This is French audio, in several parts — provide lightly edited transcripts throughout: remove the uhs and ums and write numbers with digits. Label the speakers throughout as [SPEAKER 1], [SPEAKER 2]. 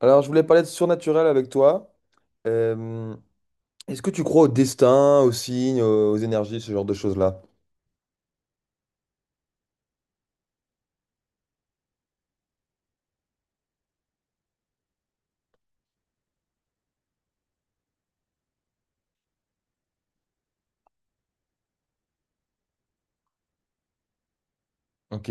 [SPEAKER 1] Alors, je voulais parler de surnaturel avec toi. Euh, Est-ce que tu crois au destin, aux signes, aux énergies, ce genre de choses-là? Ok.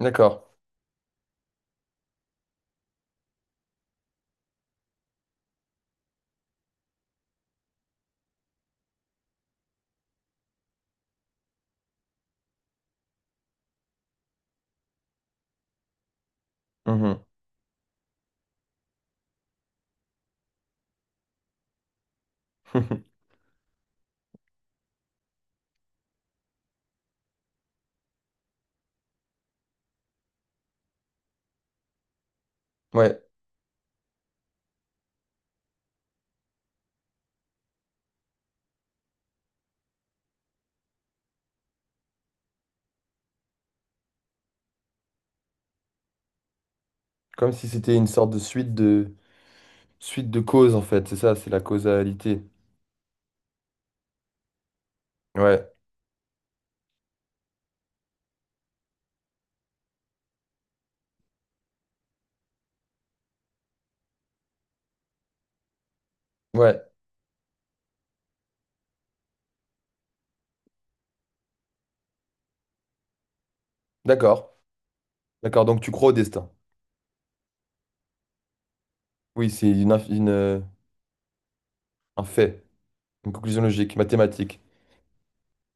[SPEAKER 1] D'accord. Mhm. Ouais, comme si c'était une sorte de suite de causes en fait, c'est ça, c'est la causalité. Ouais, ouais, d'accord. D'accord, donc tu crois au destin. Oui, c'est un fait, une conclusion logique, mathématique.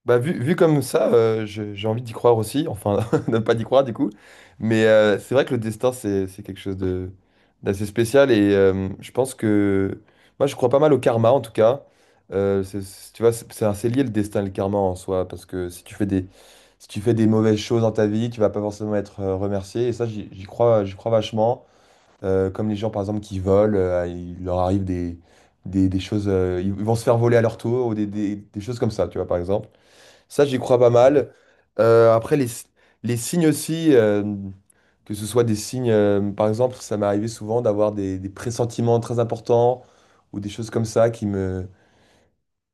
[SPEAKER 1] Bah, vu comme ça, j'ai envie d'y croire aussi, enfin, de pas d'y croire du coup. Mais c'est vrai que le destin, c'est quelque chose d'assez spécial et je pense que. Moi, je crois pas mal au karma en tout cas. Tu vois, c'est assez lié le destin et le karma en soi, parce que si tu fais des mauvaises choses dans ta vie, tu vas pas forcément être remercié. Et ça, j'y crois, j'y crois vachement. Comme les gens, par exemple, qui volent, il leur arrive des choses. Ils vont se faire voler à leur tour ou des choses comme ça, tu vois, par exemple. Ça, j'y crois pas mal. Après, les signes aussi, que ce soit des signes, par exemple, ça m'est arrivé souvent d'avoir des pressentiments très importants ou des choses comme ça qui me...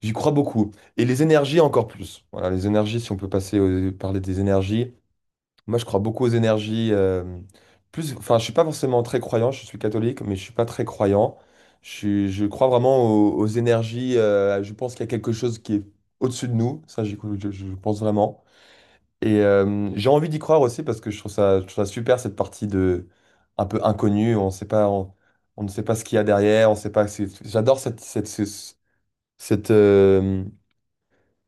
[SPEAKER 1] J'y crois beaucoup. Et les énergies encore plus. Voilà, les énergies, si on peut passer parler des énergies. Moi, je crois beaucoup aux énergies. Plus, enfin, je suis pas forcément très croyant, je suis catholique, mais je suis pas très croyant. Je crois vraiment aux énergies. Je pense qu'il y a quelque chose qui est au-dessus de nous. Ça, j'y je pense vraiment. Et j'ai envie d'y croire aussi parce que je trouve ça super cette partie de un peu inconnue. On sait pas, on ne sait pas ce qu'il y a derrière. On sait pas. J'adore cette cette ce- ce- cette,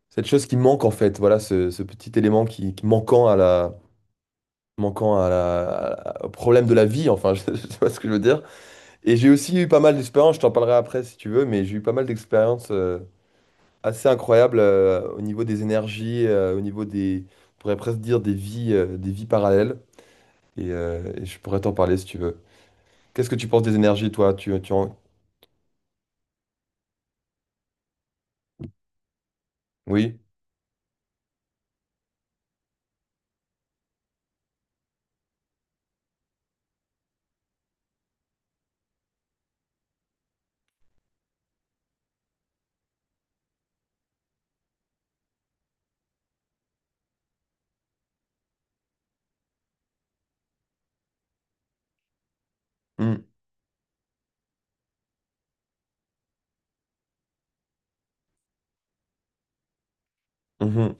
[SPEAKER 1] cette chose qui manque en fait. Voilà, ce petit élément qui manquant au problème de la vie. Enfin, je sais pas ce que je veux dire. Et j'ai aussi eu pas mal d'expériences. Je t'en parlerai après si tu veux, mais j'ai eu pas mal d'expériences assez incroyables au niveau des énergies, au niveau des, on pourrait presque dire des vies parallèles. Et je pourrais t'en parler si tu veux. Qu'est-ce que tu penses des énergies, toi? Oui? Hmm. Mhm.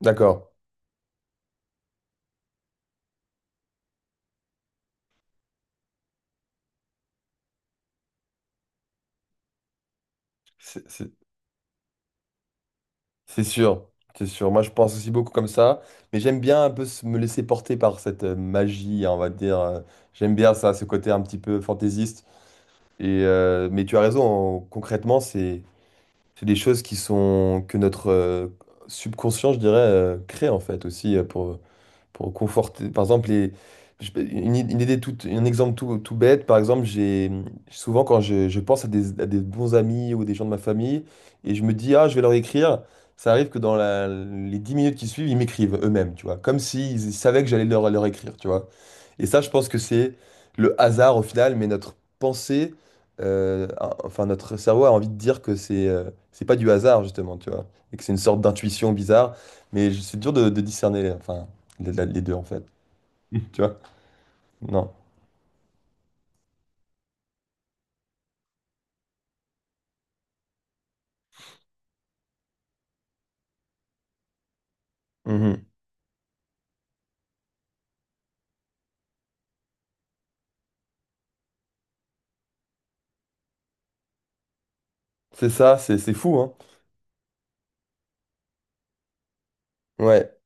[SPEAKER 1] D'accord. C'est c'est- c'est sûr. C'est sûr. Moi, je pense aussi beaucoup comme ça. Mais j'aime bien un peu me laisser porter par cette magie, hein, on va dire. J'aime bien ça, ce côté un petit peu fantaisiste. Et, mais tu as raison. Concrètement, c'est des choses qui sont que notre subconscient, je dirais, crée en fait aussi pour conforter. Par exemple, une idée toute, un exemple tout, tout bête, par exemple, j'ai souvent quand je pense à à des bons amis ou des gens de ma famille et je me dis, ah, je vais leur écrire, ça arrive que dans les 10 minutes qui suivent, ils m'écrivent eux-mêmes, tu vois, comme s'ils savaient que j'allais leur écrire, tu vois. Et ça, je pense que c'est le hasard au final, mais notre pensée, enfin notre cerveau a envie de dire que c'est pas du hasard justement, tu vois, et que c'est une sorte d'intuition bizarre, mais c'est dur de discerner, enfin les deux en fait, tu vois? Non. Mhm. C'est ça, c'est fou, hein? Ouais,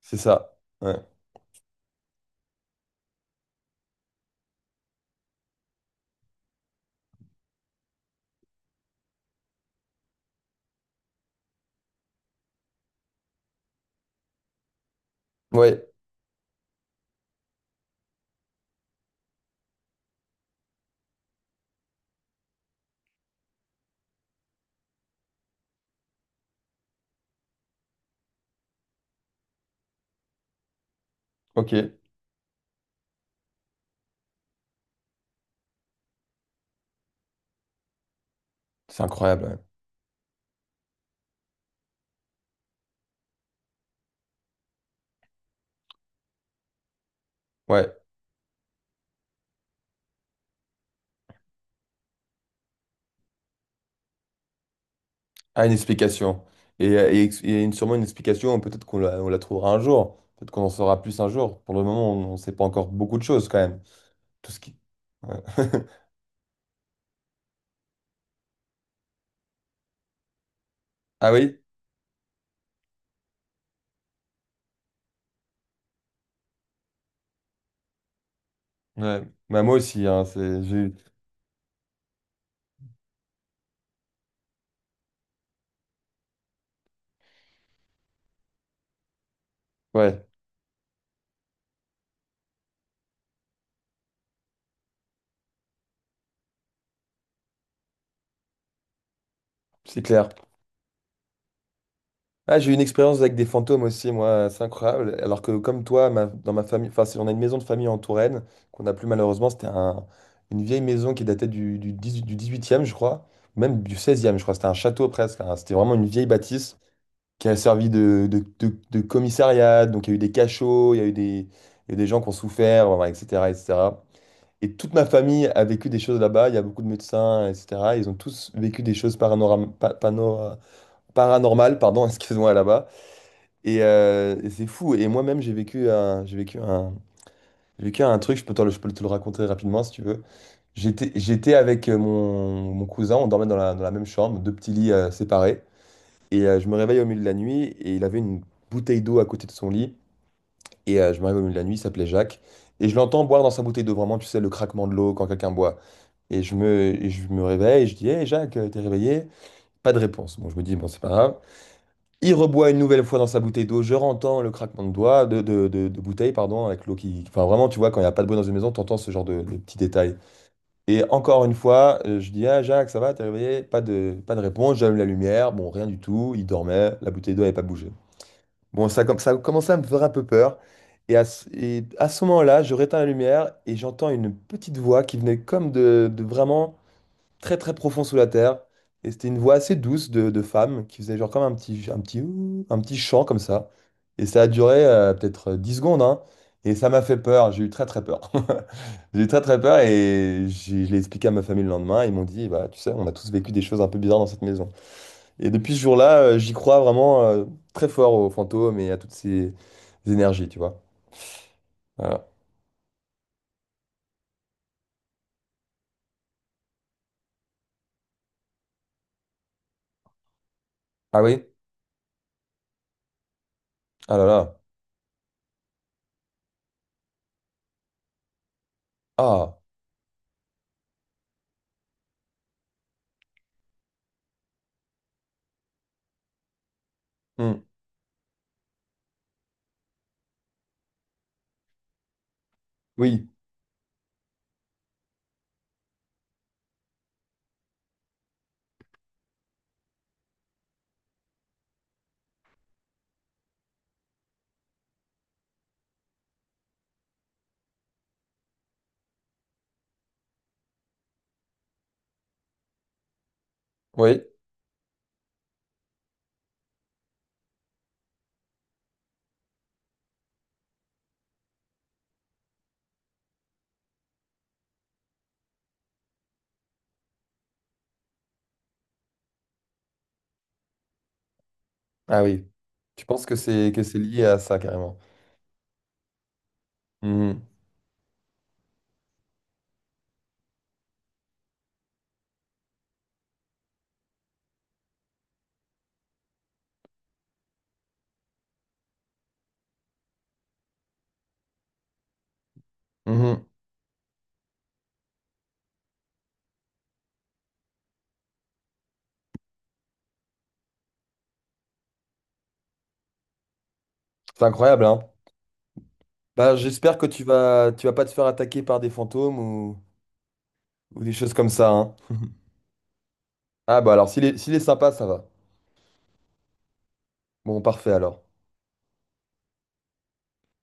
[SPEAKER 1] c'est ça. Ouais, ouais, ok, c'est incroyable. Ouais. Ouais. Ah, une explication. Et sûrement une explication, peut-être qu'on la trouvera un jour. Peut-être qu'on en saura plus un jour. Pour le moment, on ne sait pas encore beaucoup de choses quand même. Tout ce qui... Ouais. Ah oui? Ouais. Bah, moi aussi, hein. Ouais, c'est clair. Ah, j'ai eu une expérience avec des fantômes aussi, moi, c'est incroyable. Alors que comme toi, dans ma famille, enfin, on a une maison de famille en Touraine, qu'on n'a plus malheureusement, c'était une vieille maison qui datait du 18e, je crois, même du 16 je crois. C'était un château presque, hein. C'était vraiment une vieille bâtisse qui a servi de commissariat. Donc, il y a eu des cachots, il y a eu des, il y a eu des gens qui ont souffert, voilà, etc., etc. Et cetera. Et toute ma famille a vécu des choses là-bas. Il y a beaucoup de médecins, etc. Ils ont tous vécu des choses paranormales, pardon, excuse-moi, là-bas. Et c'est fou. Et moi-même, j'ai vécu un, j'ai vécu un, j'ai vécu un truc. Je peux te le raconter rapidement si tu veux. J'étais avec mon cousin. On dormait dans la même chambre, deux petits lits séparés. Et je me réveille au milieu de la nuit et il avait une bouteille d'eau à côté de son lit. Et je me réveille au milieu de la nuit, il s'appelait Jacques. Et je l'entends boire dans sa bouteille d'eau, vraiment, tu sais, le craquement de l'eau quand quelqu'un boit. Et je me réveille, et je dis, hé Jacques, t'es réveillé? Pas de réponse. Bon, je me dis, bon, c'est pas grave. Il reboit une nouvelle fois dans sa bouteille d'eau, je rentends le craquement de doigts, de bouteille, pardon, avec l'eau qui. Enfin, vraiment, tu vois, quand il n'y a pas de bruit dans une maison, t'entends ce genre de petits détails. Et encore une fois, je dis, ah, Jacques, ça va, t'es réveillé? Pas de réponse, j'allume la lumière, bon, rien du tout, il dormait, la bouteille d'eau n'avait pas bougé. Bon, ça, ça a commencé à me faire un peu peur. Et à ce moment-là, je réteins la lumière et j'entends une petite voix qui venait comme de vraiment très très profond sous la terre. Et c'était une voix assez douce de femme qui faisait genre comme un petit chant comme ça. Et ça a duré peut-être 10 secondes, hein. Et ça m'a fait peur, j'ai eu très très peur. J'ai eu très très peur et je l'ai expliqué à ma famille le lendemain. Ils m'ont dit, bah, tu sais, on a tous vécu des choses un peu bizarres dans cette maison. Et depuis ce jour-là, j'y crois vraiment très fort aux fantômes et à toutes ces énergies, tu vois. Voilà. Ah oui? Ah là là. Ah. Hmm. Oui. Oui. Ah oui. Tu penses que c'est lié à ça carrément. Mhm. Mhm. C'est incroyable, hein? Bah, j'espère que tu vas pas te faire attaquer par des fantômes ou, des choses comme ça, hein. Ah bah alors s'il est sympa, ça va. Bon, parfait alors.